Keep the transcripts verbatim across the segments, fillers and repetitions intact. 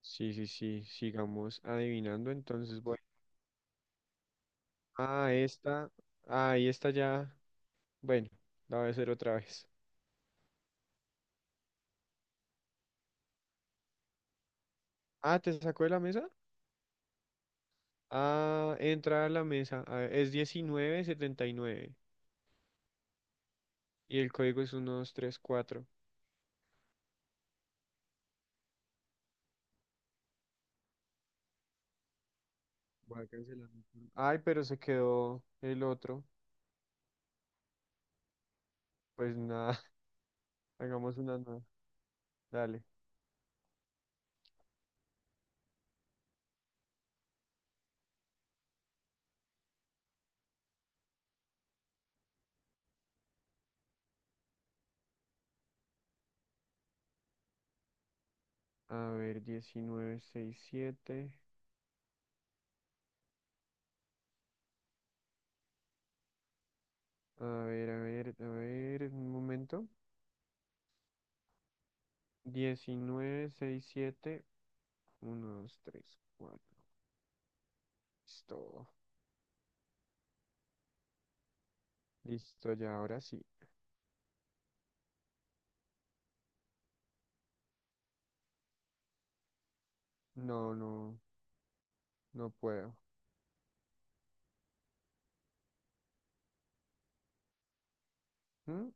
Sí, sí, sí, sigamos adivinando. Entonces, bueno, ah, esta, ahí esta ya, bueno, la voy a hacer otra vez. Ah, ¿te sacó de la mesa? Ah, entra a la mesa. A ver, es diecinueve setenta y nueve y nueve y el código es uno dos tres cuatro. Voy a cancelar. mi turno. Ay, pero se quedó el otro. Pues nada, hagamos una nueva. Dale. A ver, diecinueve sesenta y siete. A ver, a ver, a ver, un momento. Diecinueve sesenta y siete. Uno, dos, tres, cuatro. Listo. Listo, ya ahora sí. No, no, no puedo. ¿Mm?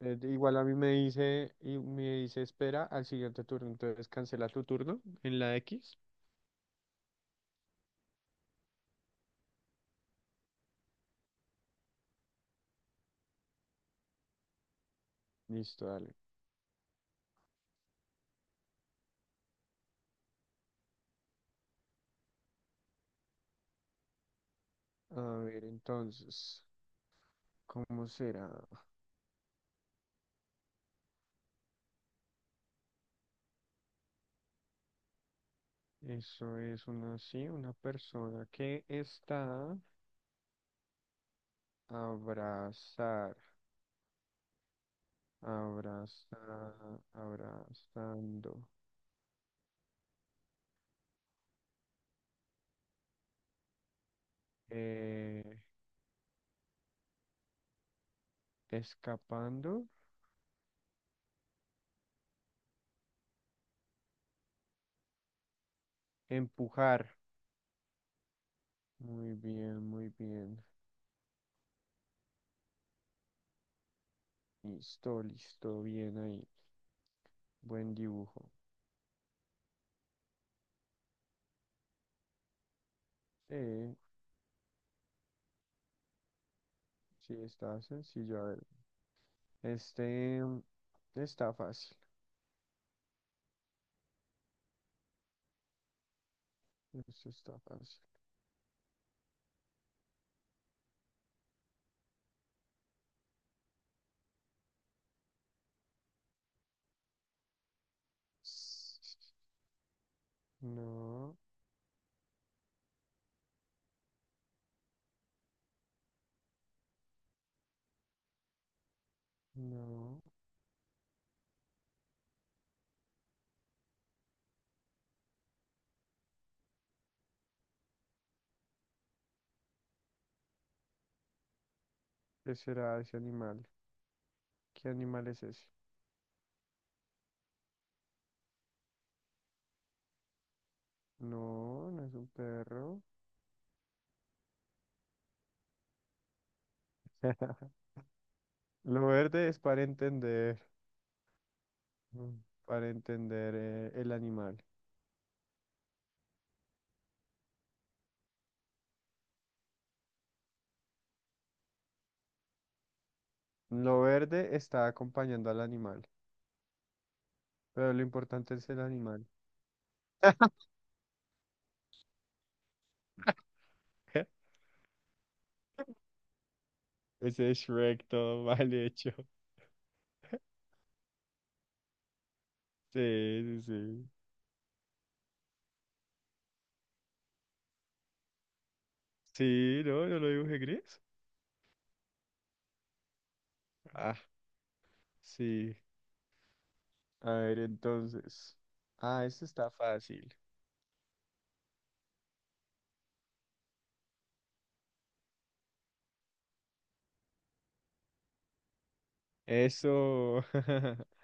Eh, igual a mí me dice, y me dice espera al siguiente turno. Entonces cancela tu turno en la X. Listo, dale. A ver, entonces, ¿cómo será? Eso es una, sí, una persona que está abrazar, abrazar, abrazando, eh, escapando, empujar. Muy bien, muy bien. Listo, listo, bien ahí. Buen dibujo. Sí, sí, está sencillo. A ver, este mm, está fácil. Esto está fácil. No, no. ¿Qué será ese animal? ¿Qué animal es ese? No, no es un perro. Lo verde es para entender, mm, para entender eh, el animal. Lo verde está acompañando al animal, pero lo importante es el animal. Ese es Shrek todo mal hecho. Sí, sí, sí. Sí, no, yo lo dibujé gris. Ah, sí. A ver, entonces. Ah, este está fácil. Eso.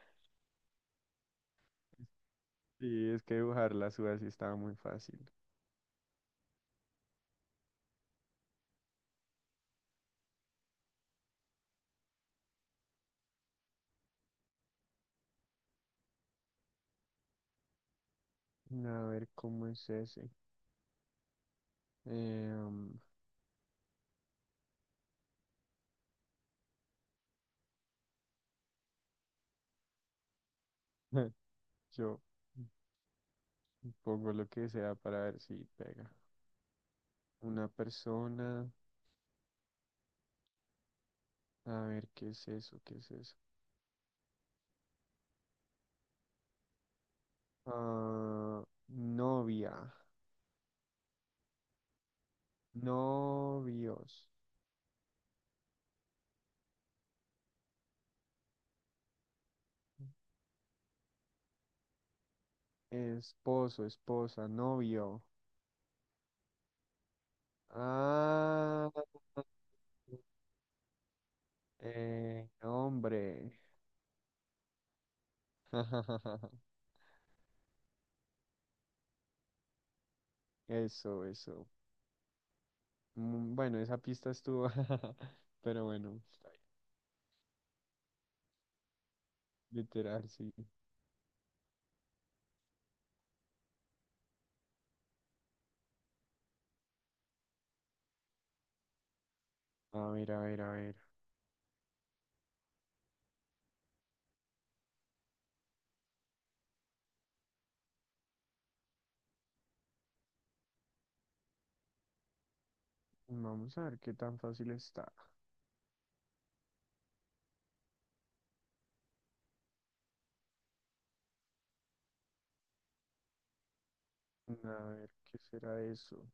Sí, es que dibujar las uvas sí estaba muy fácil. A ver, ¿cómo es ese? Eh, um, yo pongo lo que sea para ver si pega. Una persona. A ver, ¿qué es eso? ¿Qué es eso? Ah, novia. Novios. Esposo, esposa, novio. Ah, eh, hombre. Eso, eso. Mm, bueno, esa pista estuvo. Pero bueno, está bien. Literal, sí. A ver, a ver, a ver. Vamos a ver qué tan fácil está. A ver, ¿qué será eso?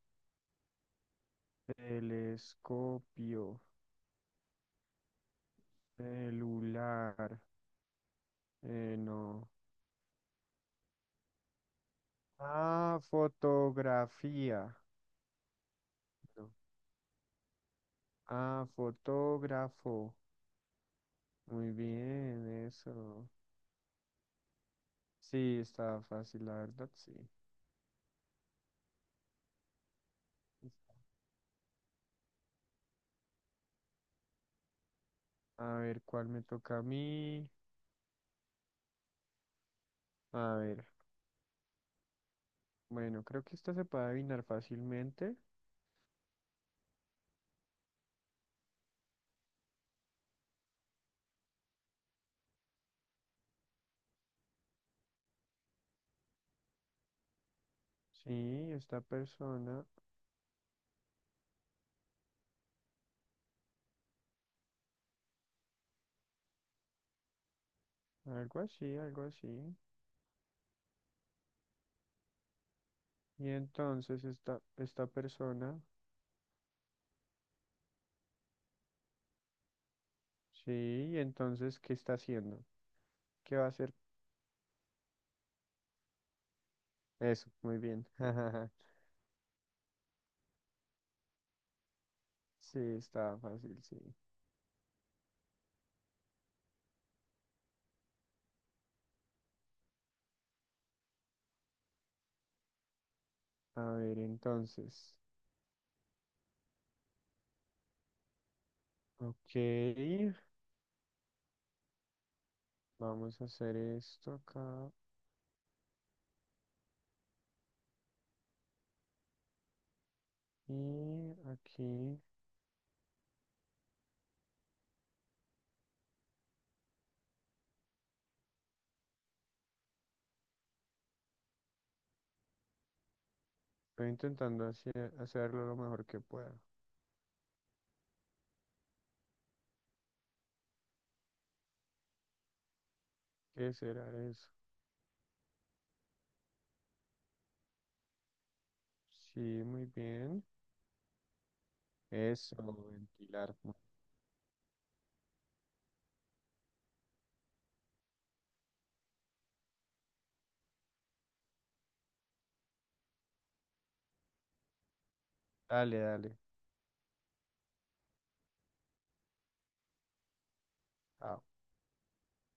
Telescopio, celular. Eh, no. Ah, fotografía. No. Ah, fotógrafo. Muy bien, eso. Sí, está fácil, la verdad, sí. A ver, ¿cuál me toca a mí? A ver, bueno, creo que esta se puede adivinar fácilmente. Sí, esta persona, algo así, algo así. Y entonces esta, esta persona, sí, y entonces, ¿qué está haciendo? ¿Qué va a hacer? Eso, muy bien. Sí, está fácil, sí. A ver, entonces, ok. Vamos a hacer esto acá y aquí. Estoy intentando hacer, hacerlo lo mejor que pueda. ¿Qué será eso? Sí, muy bien. Eso, ventilar. Dale, dale. Ah,